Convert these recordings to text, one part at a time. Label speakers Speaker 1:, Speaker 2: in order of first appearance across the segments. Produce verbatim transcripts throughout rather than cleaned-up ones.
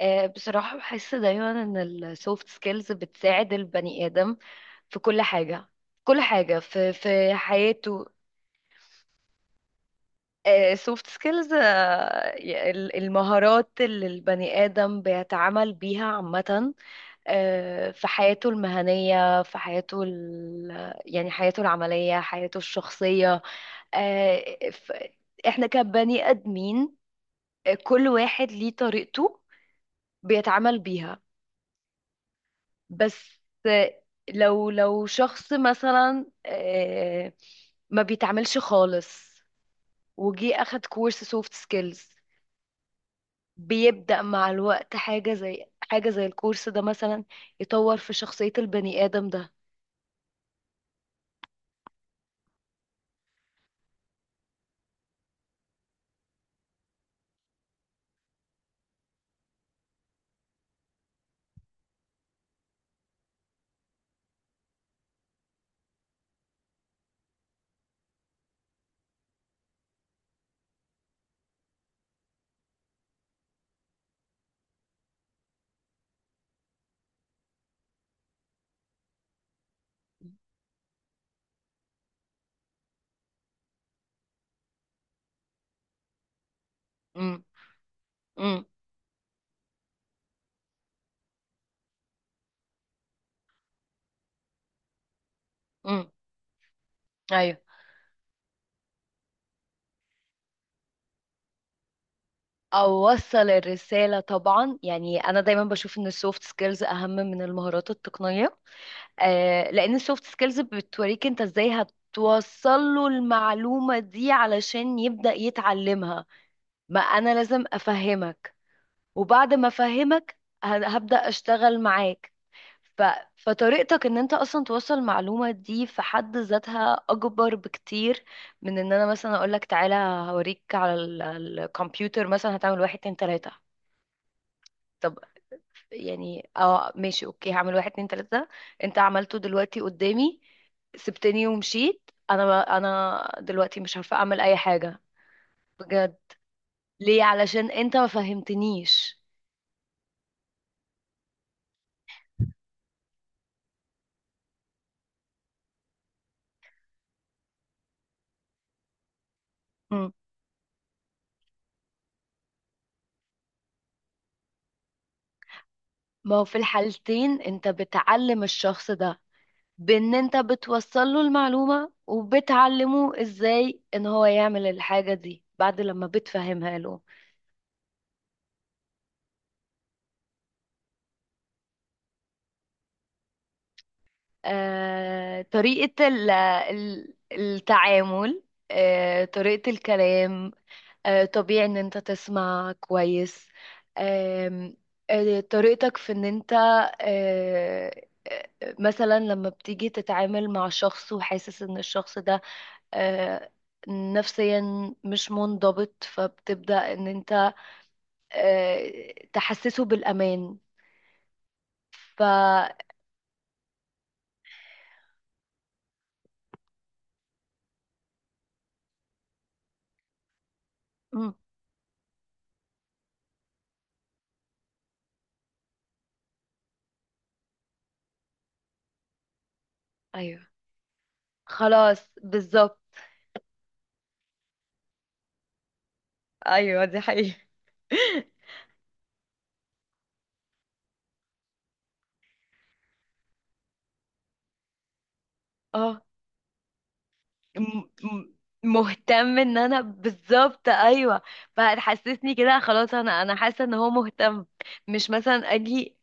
Speaker 1: آه، بصراحة بحس دايما ان السوفت سكيلز بتساعد البني آدم في كل حاجة، كل حاجة في في حياته. سوفت سكيلز المهارات اللي البني آدم بيتعامل بيها عامة، آه، في حياته المهنية، في حياته ال... يعني حياته العملية، حياته الشخصية. آه، ف- احنا كبني آدمين، آه، كل واحد ليه طريقته بيتعامل بيها. بس لو لو شخص مثلا آه، ما بيتعملش خالص وجي اخد كورس سوفت سكيلز، بيبدأ مع الوقت حاجة زي، حاجة زي الكورس ده مثلا يطور في شخصية البني آدم ده. امم امم امم ايوه، اوصل الرسالة طبعا. يعني انا دايما بشوف ان السوفت سكيلز اهم من المهارات التقنية، آه، لان السوفت سكيلز بتوريك انت ازاي هتوصل له المعلومة دي علشان يبدأ يتعلمها. ما انا لازم افهمك، وبعد ما افهمك ه- هبدأ اشتغل معاك. ف... فطريقتك ان انت اصلا توصل المعلومة دي في حد ذاتها اكبر بكتير من ان انا مثلا اقولك تعالى هوريك على ال- الكمبيوتر مثلا هتعمل واحد اتنين تلاتة. يعني اه ماشي اوكي، هعمل واحد اتنين تلاتة، انت عملته دلوقتي قدامي، سبتني ومشيت. انا انا دلوقتي مش عارفة اعمل اي حاجة بجد. ليه؟ علشان انت ما فهمتنيش. مم. ما هو في الحالتين انت بتعلم الشخص ده، بان انت بتوصل له المعلومة وبتعلمه ازاي ان هو يعمل الحاجة دي بعد لما بتفهمها له. آه، طريقة ال- ال- التعامل، آه، طريقة الكلام، آه، طبيعي ان انت تسمع كويس. آم، آه، طريقتك في ان انت آه، آه، مثلا لما بتيجي تتعامل مع شخص وحاسس ان الشخص ده آه، نفسيا مش منضبط، فبتبدأ ان انت آه، تحسسه بالأمان. ف مم، ايوه خلاص بالظبط. ايوه دي حقيقة. اه، م- م- مهتم ان انا بالظبط، ايوه. فهتحسسني كده، خلاص انا انا حاسه ان هو مهتم، مش مثلا اجي.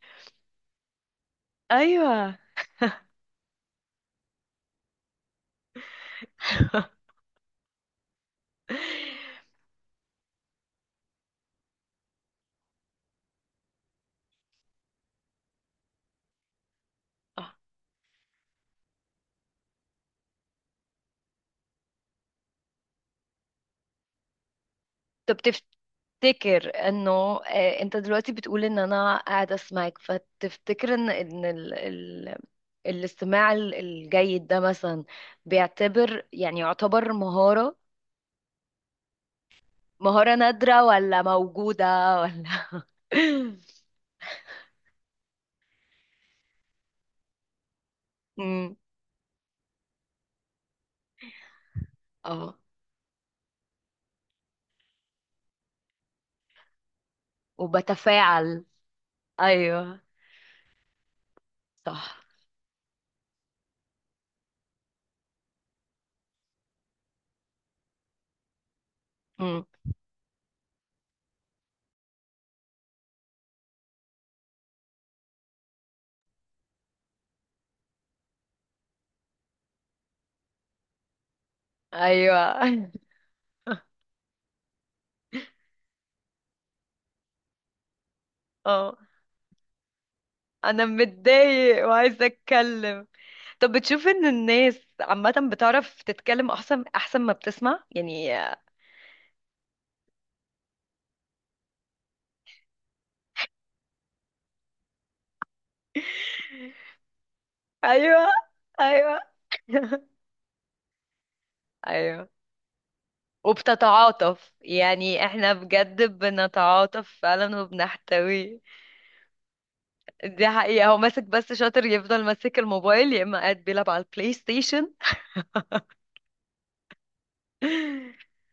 Speaker 1: ايوه. آه. طب تفتكر انه، آه، انت دلوقتي بتقول ان انا قاعده اسمعك، فتفتكر ان ان ال... ال... الاستماع ال- الجيد ده مثلا بيعتبر، يعني يعتبر مهاره؟ مهاره نادره ولا موجوده ولا؟ امم، اه وبتفاعل، ايوه صح. امم، ايوه. اه انا متضايق وعايزه اتكلم. طب بتشوف ان الناس عامه بتعرف تتكلم احسن، احسن ما بتسمع؟ يعني ايوه، ايوه. ايوه وبتتعاطف، يعني احنا بجد بنتعاطف فعلا وبنحتوي. دي حقيقة، هو ماسك بس شاطر، يفضل ماسك الموبايل يا اما قاعد بيلعب على البلاي ستيشن.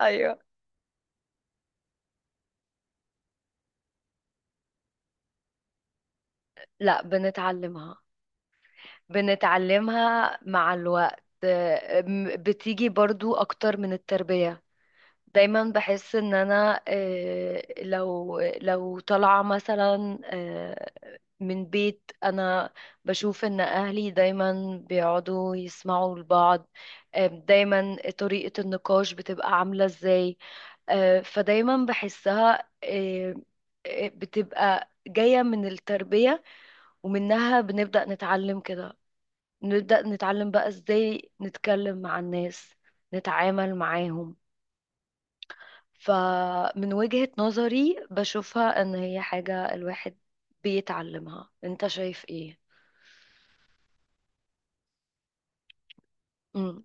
Speaker 1: ايوه. لا بنتعلمها، بنتعلمها مع الوقت. أم، بتيجي برضو اكتر من التربية. دايما بحس ان انا آه، لو لو طالعة مثلا آه، من بيت، انا بشوف ان اهلي دايما بيقعدوا يسمعوا لبعض، آه، دايما طريقة النقاش بتبقى عاملة ازاي. آه، فدايما بحسها آه، آه، بتبقى جاية من التربية، ومنها بنبدأ نتعلم كده، نبدأ نتعلم بقى ازاي نتكلم مع الناس، نتعامل معاهم. فمن وجهة نظري بشوفها ان هي حاجة الواحد بيتعلمها. انت شايف ايه؟ امم،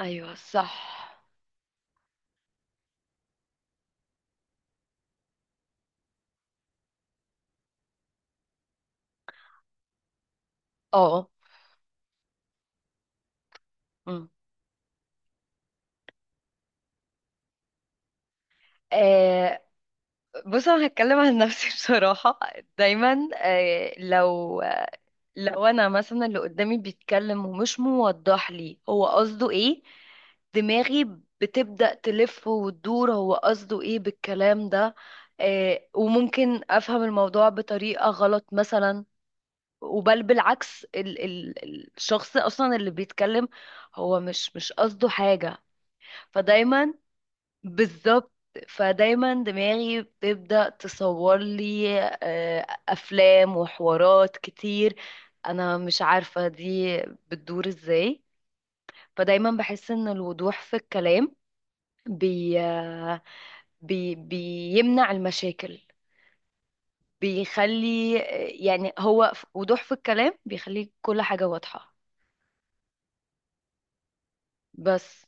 Speaker 1: ايوه صح. اه امم، آه بص انا هتكلم عن نفسي بصراحة. دايما آه، لو لو انا مثلا اللي قدامي بيتكلم ومش موضح لي هو قصده ايه، دماغي بتبدأ تلف وتدور هو قصده ايه بالكلام ده. آه وممكن افهم الموضوع بطريقة غلط مثلا، وبل بالعكس ال ال الشخص اصلا اللي بيتكلم هو مش مش قصده حاجة. فدايما بالظبط، فدايما دماغي بتبدأ تصور لي آه، أفلام وحوارات كتير، أنا مش عارفة دي بتدور إزاي. فدايما بحس إن الوضوح في الكلام بي آه، بي بيمنع المشاكل، بيخلي آه، يعني هو ف- وضوح في الكلام بيخلي كل حاجة واضحة. بس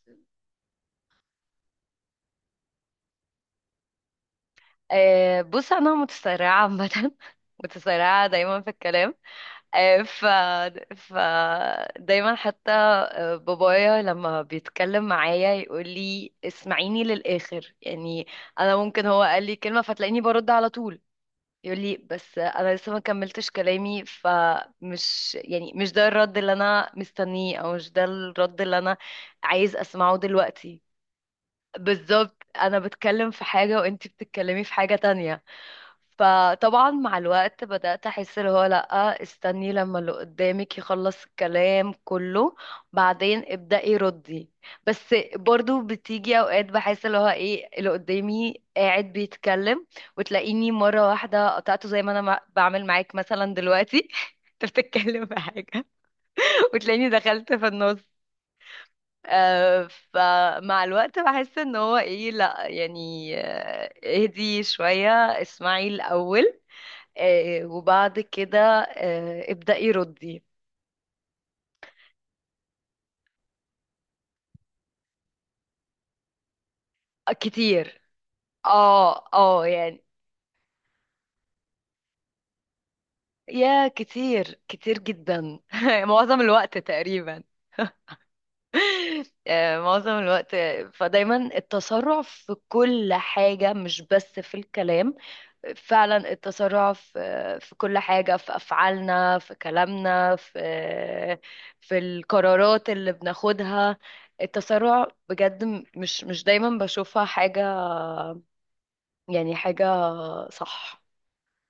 Speaker 1: آه، بص أنا متسرعة عامة، متسرعة دايما في الكلام. ف ف دايما حتى آه، بابايا لما بيتكلم معايا يقول لي اسمعيني للآخر يعني. انا ممكن هو قال لي كلمة فتلاقيني برد على طول، يقول لي بس انا لسه ما كملتش كلامي، فمش يعني مش ده الرد اللي انا مستنيه، او مش ده الرد اللي انا عايز اسمعه دلوقتي. بالظبط، انا بتكلم في حاجة وانتي بتتكلمي في حاجة تانية. فطبعا مع الوقت بدأت أحس اللي هو لأ، استني لما اللي قدامك يخلص الكلام كله، بعدين ابدأي ردي. بس برضو بتيجي أوقات بحس اللي هو إيه، اللي قدامي قاعد بيتكلم وتلاقيني مرة واحدة قطعته، زي ما أنا مع- بعمل معاك مثلا دلوقتي، أنت بتتكلم في حاجة وتلاقيني دخلت في النص. آه، فمع الوقت بحس ان هو ايه، لا يعني آه، اهدي شوية، اسمعي الأول، آه، وبعد كده آه، ابدأي ردي. آه، كتير، اه اه يعني. يا كتير، كتير جدا معظم الوقت تقريبا، آه، معظم الوقت. آه، فدايما التسرع في كل حاجة مش بس في الكلام، فعلا التسرع في آه، في كل حاجة، في أفعالنا، في كلامنا، في آه، في القرارات اللي بناخدها. التسرع بجد م- مش مش دايما بشوفها حاجة، يعني حاجة صح